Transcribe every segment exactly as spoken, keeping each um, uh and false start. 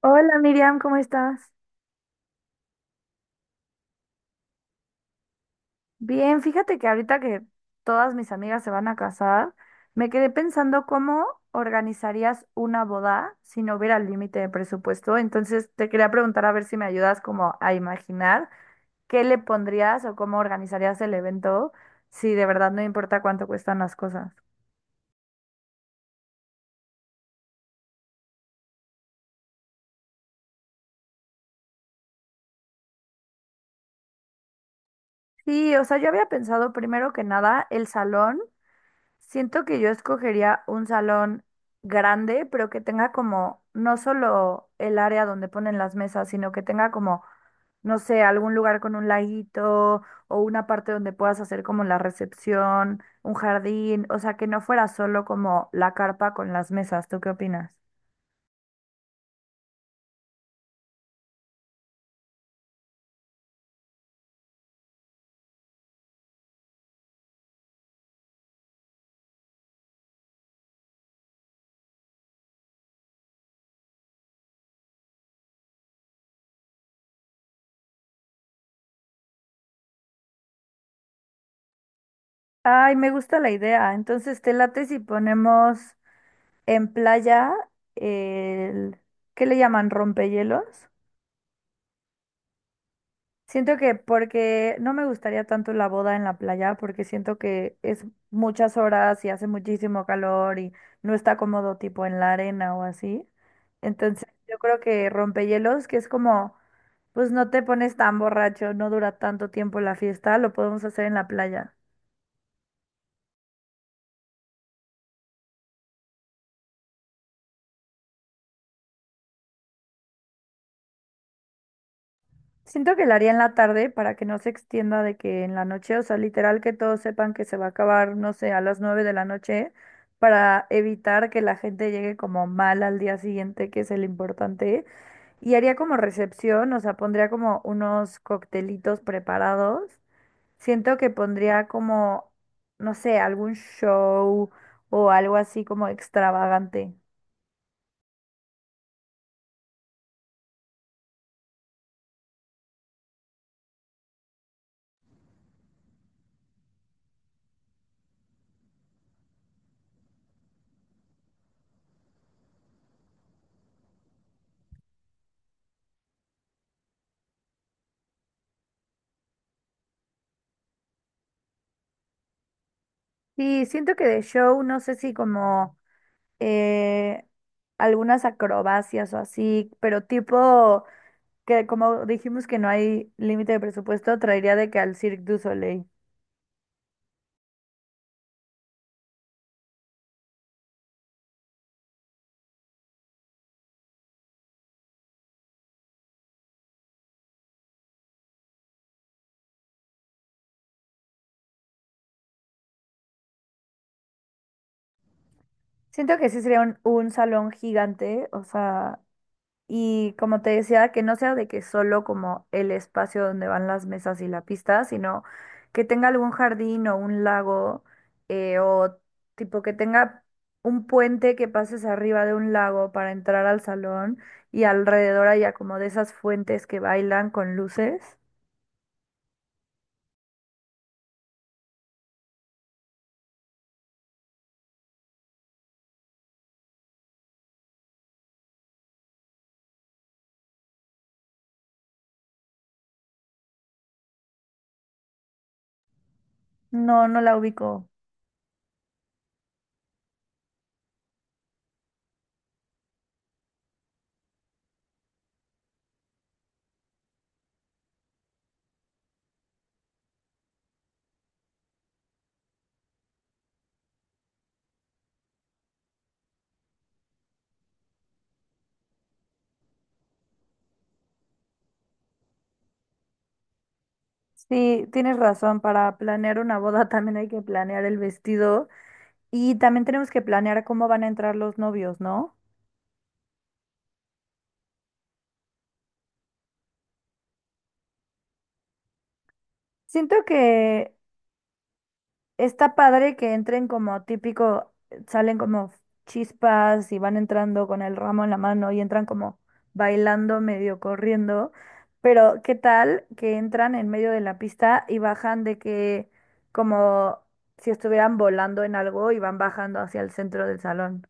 Hola Miriam, ¿cómo estás? Bien, fíjate que ahorita que todas mis amigas se van a casar, me quedé pensando cómo organizarías una boda si no hubiera límite de presupuesto. Entonces te quería preguntar a ver si me ayudas como a imaginar qué le pondrías o cómo organizarías el evento si de verdad no importa cuánto cuestan las cosas. Sí, o sea, yo había pensado primero que nada el salón. Siento que yo escogería un salón grande, pero que tenga como no solo el área donde ponen las mesas, sino que tenga como, no sé, algún lugar con un laguito o una parte donde puedas hacer como la recepción, un jardín, o sea, que no fuera solo como la carpa con las mesas. ¿Tú qué opinas? Ay, me gusta la idea. Entonces, ¿te late si ponemos en playa el, ¿qué le llaman? ¿Rompehielos? Siento que porque no me gustaría tanto la boda en la playa, porque siento que es muchas horas y hace muchísimo calor y no está cómodo tipo en la arena o así. Entonces yo creo que rompehielos, que es como, pues no te pones tan borracho, no dura tanto tiempo la fiesta, lo podemos hacer en la playa. Siento que la haría en la tarde para que no se extienda de que en la noche, o sea, literal que todos sepan que se va a acabar, no sé, a las nueve de la noche, para evitar que la gente llegue como mal al día siguiente, que es el importante. Y haría como recepción, o sea, pondría como unos coctelitos preparados. Siento que pondría como, no sé, algún show o algo así como extravagante. Sí, siento que de show, no sé si como... eh, algunas acrobacias o así, pero tipo que como dijimos que no hay límite de presupuesto, traería de que al Cirque du Soleil. Siento que sí sería un, un salón gigante, o sea, y como te decía, que no sea de que solo como el espacio donde van las mesas y la pista, sino que tenga algún jardín o un lago, eh, o tipo que tenga un puente que pases arriba de un lago para entrar al salón y alrededor haya como de esas fuentes que bailan con luces. No, no la ubico. Sí, tienes razón, para planear una boda también hay que planear el vestido y también tenemos que planear cómo van a entrar los novios, ¿no? Siento que está padre que entren como típico, eh, salen como chispas y van entrando con el ramo en la mano y entran como bailando, medio corriendo, pero ¿qué tal que entran en medio de la pista y bajan de que como si estuvieran volando en algo y van bajando hacia el centro del salón?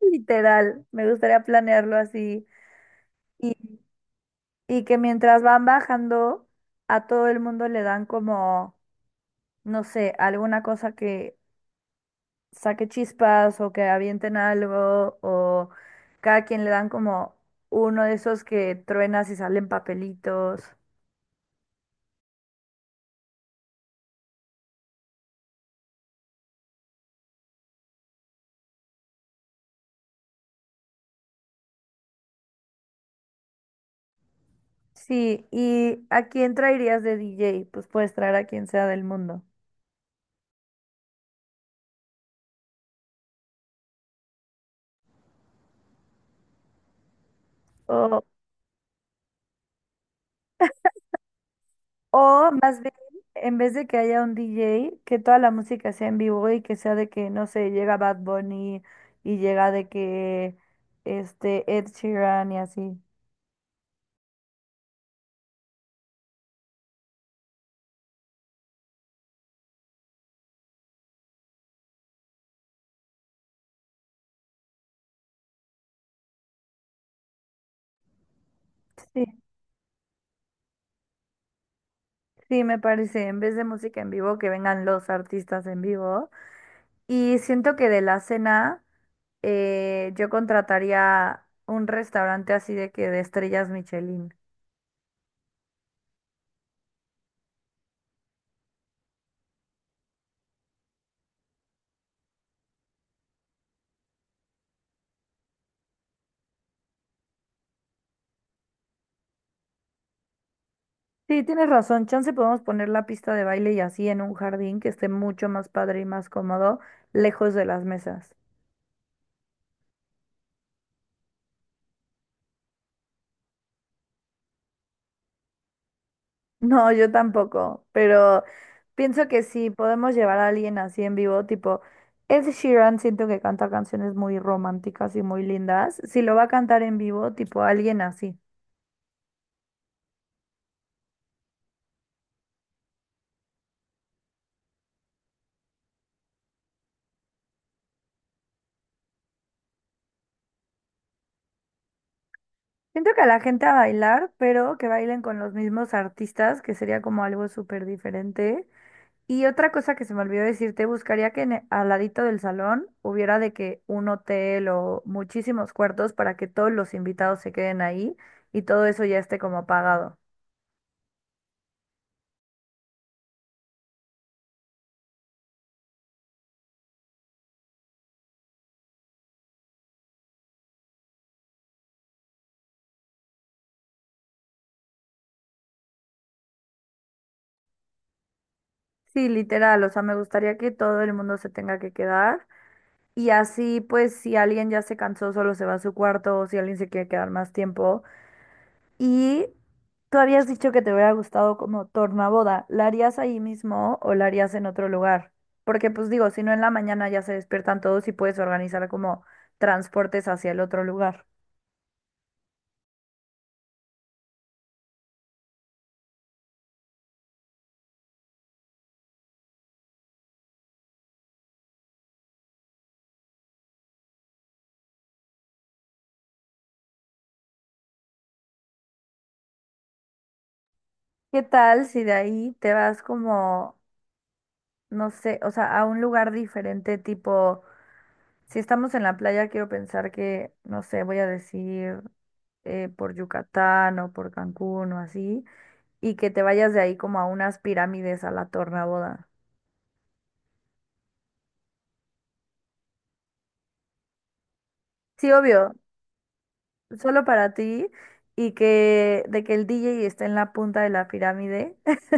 Literal, me gustaría planearlo así y, y que mientras van bajando a todo el mundo le dan como, no sé, alguna cosa que saque chispas o que avienten algo o cada quien le dan como uno de esos que truenas y salen papelitos. Sí, ¿y a quién traerías de D J? Pues puedes traer a quien sea del mundo. O, o más bien, en vez de que haya un D J, que toda la música sea en vivo y que sea de que, no sé, llega Bad Bunny y llega de que este Ed Sheeran y así. Sí, sí, me parece. En vez de música en vivo, que vengan los artistas en vivo. Y siento que de la cena eh, yo contrataría un restaurante así de que de estrellas Michelin. Sí, tienes razón. Chance podemos poner la pista de baile y así en un jardín que esté mucho más padre y más cómodo, lejos de las mesas. No, yo tampoco, pero pienso que sí, podemos llevar a alguien así en vivo, tipo Ed Sheeran, siento que canta canciones muy románticas y muy lindas. Si lo va a cantar en vivo, tipo alguien así. Siento que a la gente a bailar, pero que bailen con los mismos artistas, que sería como algo súper diferente. Y otra cosa que se me olvidó decirte, buscaría que en e- al ladito del salón hubiera de que un hotel o muchísimos cuartos para que todos los invitados se queden ahí y todo eso ya esté como pagado. Sí, literal, o sea, me gustaría que todo el mundo se tenga que quedar y así pues si alguien ya se cansó solo se va a su cuarto o si alguien se quiere quedar más tiempo Y tú habías dicho que te hubiera gustado como tornaboda. ¿La harías ahí mismo o la harías en otro lugar? Porque pues digo, si no en la mañana ya se despiertan todos y puedes organizar como transportes hacia el otro lugar. ¿Qué tal si de ahí te vas como, no sé, o sea, a un lugar diferente, tipo, si estamos en la playa, quiero pensar que, no sé, voy a decir eh, por Yucatán o por Cancún o así, y que te vayas de ahí como a unas pirámides a la tornaboda. Sí, obvio, solo para ti y que de que el D J esté en la punta de la pirámide.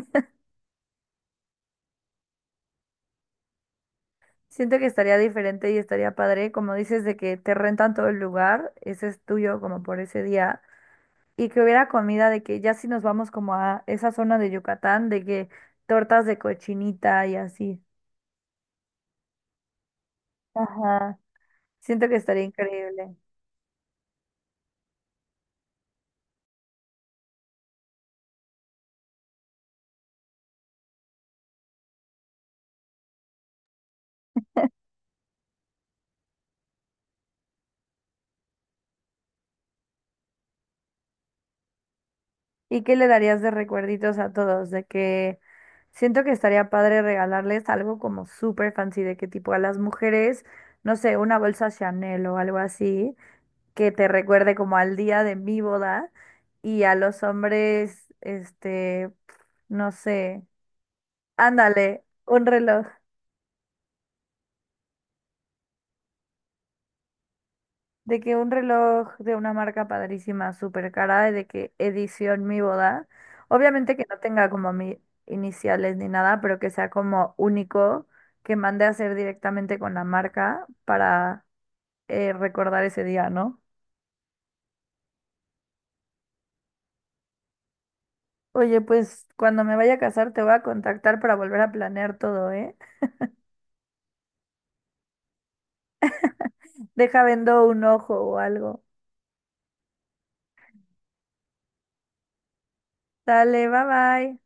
Siento que estaría diferente y estaría padre, como dices, de que te rentan todo el lugar, ese es tuyo como por ese día, y que hubiera comida de que ya si nos vamos como a esa zona de Yucatán, de que tortas de cochinita y así. Ajá, siento que estaría increíble. ¿Y qué le darías de recuerditos a todos? De que siento que estaría padre regalarles algo como súper fancy, de que tipo a las mujeres, no sé, una bolsa Chanel o algo así, que te recuerde como al día de mi boda, y a los hombres, este, no sé, ándale, un reloj. De que un reloj de una marca padrísima, súper cara, y de que edición mi boda. Obviamente que no tenga como mis iniciales ni nada, pero que sea como único, que mande a hacer directamente con la marca para eh, recordar ese día, ¿no? Oye, pues cuando me vaya a casar te voy a contactar para volver a planear todo, ¿eh? Deja vendo un ojo o algo. Dale, bye bye.